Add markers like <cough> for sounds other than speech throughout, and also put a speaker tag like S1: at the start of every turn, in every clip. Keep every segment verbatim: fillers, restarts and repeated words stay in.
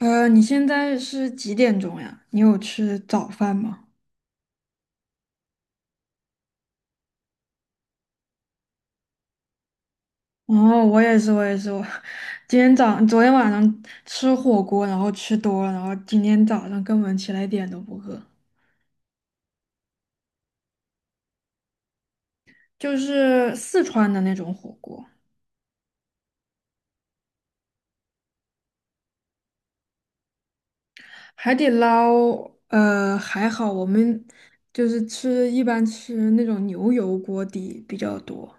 S1: 呃，你现在是几点钟呀？你有吃早饭吗？哦，我也是，我也是，我今天早昨天晚上吃火锅，然后吃多了，然后今天早上根本起来一点都不饿，就是四川的那种火锅，海底捞，呃，还好，我们就是吃一般吃那种牛油锅底比较多。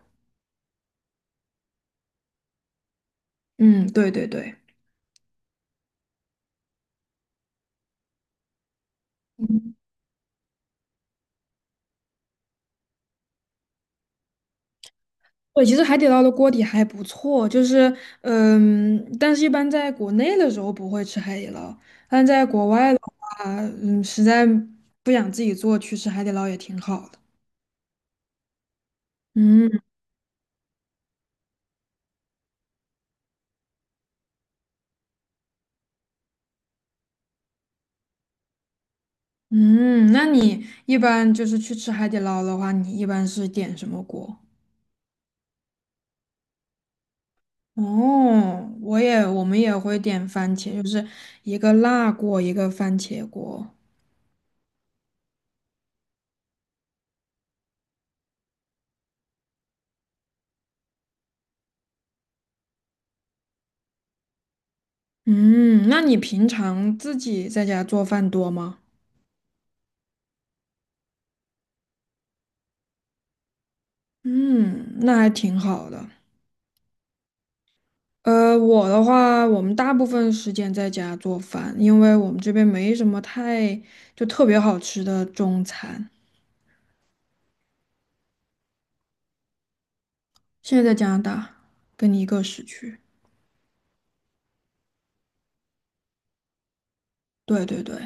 S1: 嗯，对对对。对，其实海底捞的锅底还不错，就是，嗯，但是一般在国内的时候不会吃海底捞，但在国外的话，嗯，实在不想自己做，去吃海底捞也挺好的。嗯嗯，那你一般就是去吃海底捞的话，你一般是点什么锅？哦，我也，我们也会点番茄，就是一个辣锅，一个番茄锅。嗯，那你平常自己在家做饭多吗？嗯，那还挺好的。呃，我的话，我们大部分时间在家做饭，因为我们这边没什么太就特别好吃的中餐。现在在加拿大，跟你一个时区。对对对，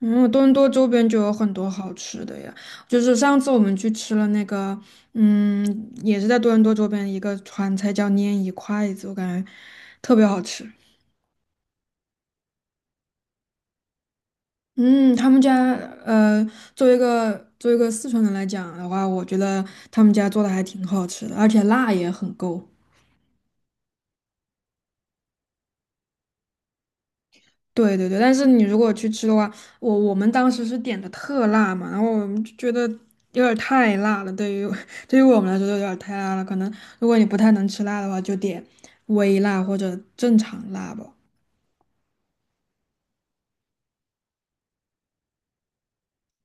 S1: 嗯，多伦多周边就有很多好吃的呀。就是上次我们去吃了那个，嗯，也是在多伦多周边一个川菜叫拈一筷子，我感觉特别好吃。嗯，他们家呃，作为一个作为一个四川人来讲的话，我觉得他们家做的还挺好吃的，而且辣也很够。对对对，但是你如果去吃的话，我我们当时是点的特辣嘛，然后我们就觉得有点儿太辣了，对于 <laughs> 对于我们来说有点儿太辣了。可能如果你不太能吃辣的话，就点微辣或者正常辣吧。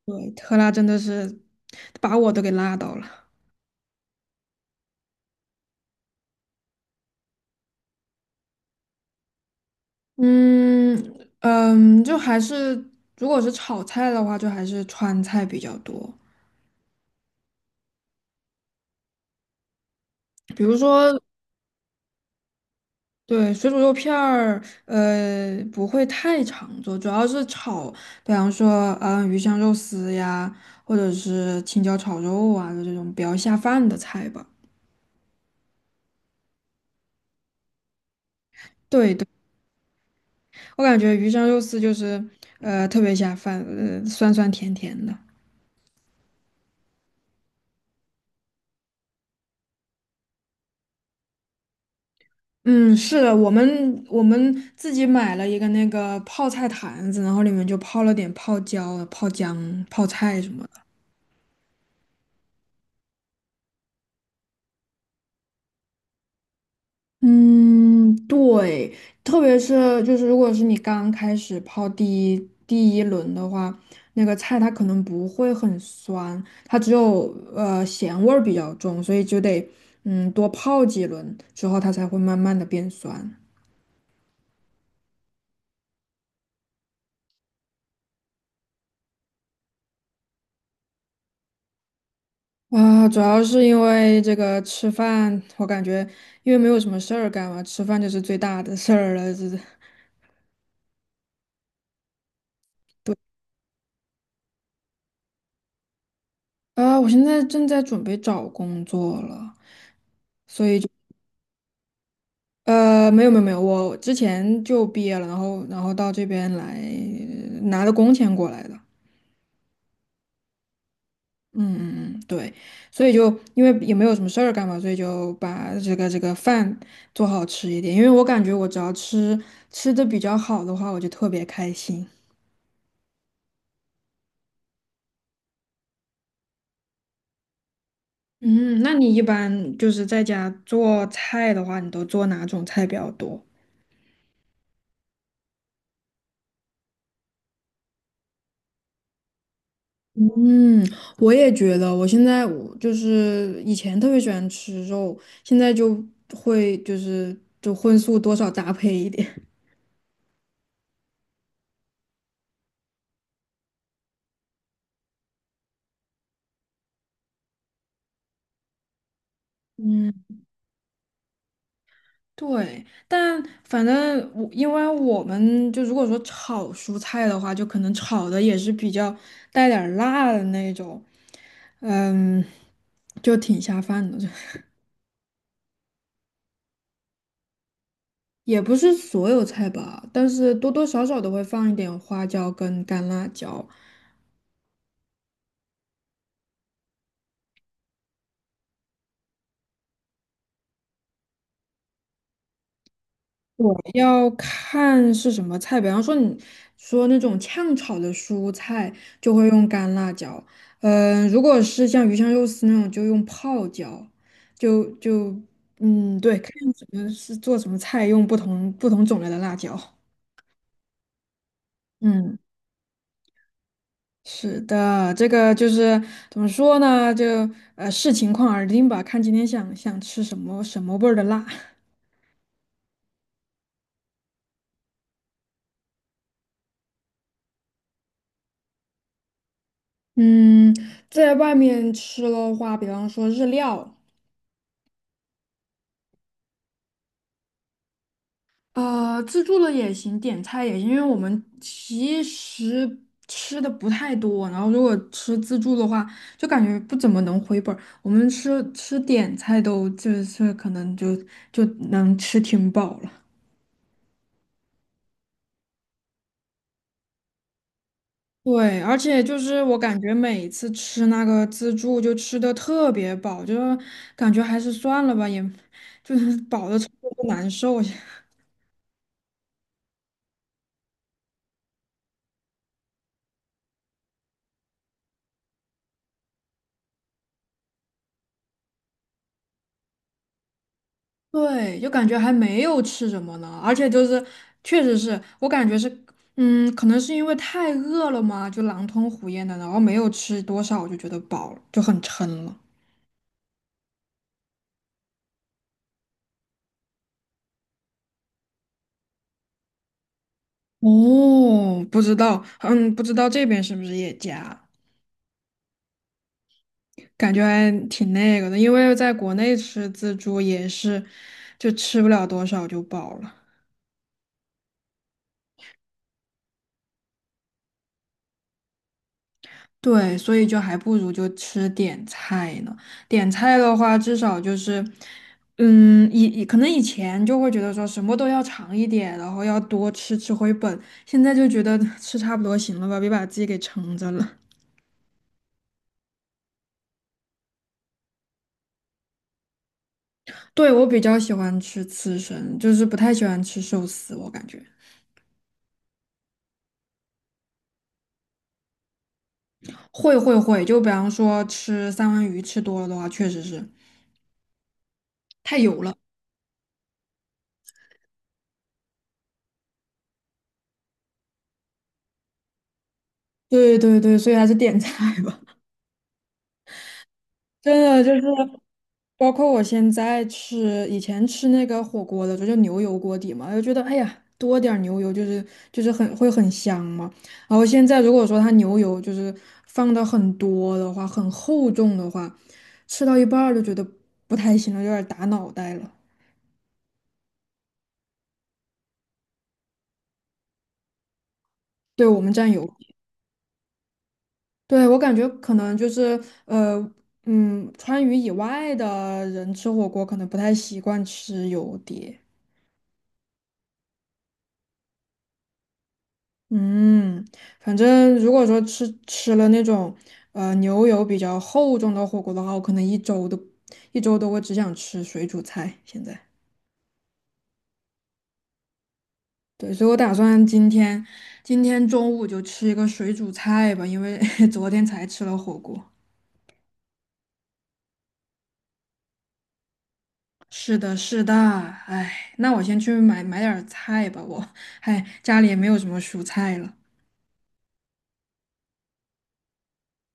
S1: 对，特辣真的是把我都给辣到了。嗯嗯，就还是如果是炒菜的话，就还是川菜比较多，比如说对水煮肉片儿，呃，不会太常做，主要是炒，比方说嗯鱼香肉丝呀，或者是青椒炒肉啊，就这种比较下饭的菜吧。对对，我感觉鱼香肉丝就是呃特别下饭，呃酸酸甜甜的。嗯，是的，我们我们自己买了一个那个泡菜坛子，然后里面就泡了点泡椒、泡姜、泡菜什么的。嗯，对，特别是就是如果是你刚开始泡第一第一轮的话，那个菜它可能不会很酸，它只有呃咸味儿比较重，所以就得嗯多泡几轮之后它才会慢慢的变酸。啊，主要是因为这个吃饭，我感觉因为没有什么事儿干嘛，吃饭就是最大的事儿了。这，啊，我现在正在准备找工作了，所以就，呃，没有没有没有，我之前就毕业了，然后然后到这边来拿的工钱过来的。嗯嗯嗯，对，所以就因为也没有什么事儿干嘛，所以就把这个这个饭做好吃一点，因为我感觉我只要吃吃的比较好的话，我就特别开心。嗯，那你一般就是在家做菜的话，你都做哪种菜比较多？嗯，我也觉得，我现在我就是以前特别喜欢吃肉，现在就会就是就荤素多少搭配一点。<laughs> 嗯，对，但反正我因为我们就如果说炒蔬菜的话，就可能炒的也是比较带点儿辣的那种，嗯，就挺下饭的。<laughs> 也不是所有菜吧，但是多多少少都会放一点花椒跟干辣椒。我要看是什么菜，比方说你说那种炝炒的蔬菜，就会用干辣椒。嗯、如果是像鱼香肉丝那种，就用泡椒。就就嗯，对，看什么是做什么菜，用不同不同种类的辣椒。嗯。是的，这个就是怎么说呢？就呃视情况而定吧，看今天想想吃什么什么味儿的辣。<laughs> 嗯，在外面吃的话，比方说日料，呃，自助的也行，点菜也行，因为我们其实吃的不太多，然后如果吃自助的话，就感觉不怎么能回本儿。我们吃吃点菜都就是可能就就能吃挺饱了。对，而且就是我感觉每次吃那个自助就吃的特别饱，就感觉还是算了吧，也就是 <laughs> 饱的不难受。<laughs> 对，就感觉还没有吃什么呢，而且就是确实是我感觉是，嗯，可能是因为太饿了嘛，就狼吞虎咽的，然后没有吃多少，我就觉得饱了，就很撑了。哦，不知道，嗯，不知道这边是不是也加。感觉还挺那个的，因为在国内吃自助也是，就吃不了多少就饱了。对，所以就还不如就吃点菜呢。点菜的话，至少就是，嗯，以以可能以前就会觉得说什么都要尝一点，然后要多吃吃回本，现在就觉得 <laughs> 吃差不多行了吧，别把自己给撑着了。<laughs> 对，我比较喜欢吃刺身，就是不太喜欢吃寿司，我感觉。会会会，就比方说吃三文鱼吃多了的话，确实是。太油了。对对对，所以还是点菜吧。<laughs> 真的就是，包括我现在吃，以前吃那个火锅的时候，就牛油锅底嘛，就觉得哎呀，多点儿牛油就是就是很会很香嘛。然后现在如果说它牛油就是放的很多的话，很厚重的话，吃到一半儿就觉得不太行了，有点儿打脑袋了。对我们蘸油，对我感觉可能就是呃嗯，川渝以外的人吃火锅可能不太习惯吃油碟。嗯，反正如果说吃吃了那种呃牛油比较厚重的火锅的话，我可能一周都一周都会只想吃水煮菜。现在，对，所以我打算今天今天中午就吃一个水煮菜吧，因为 <laughs> 昨天才吃了火锅。是的，是的，哎，那我先去买买点儿菜吧，我，<laughs> 哎，家里也没有什么蔬菜了。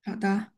S1: 好的。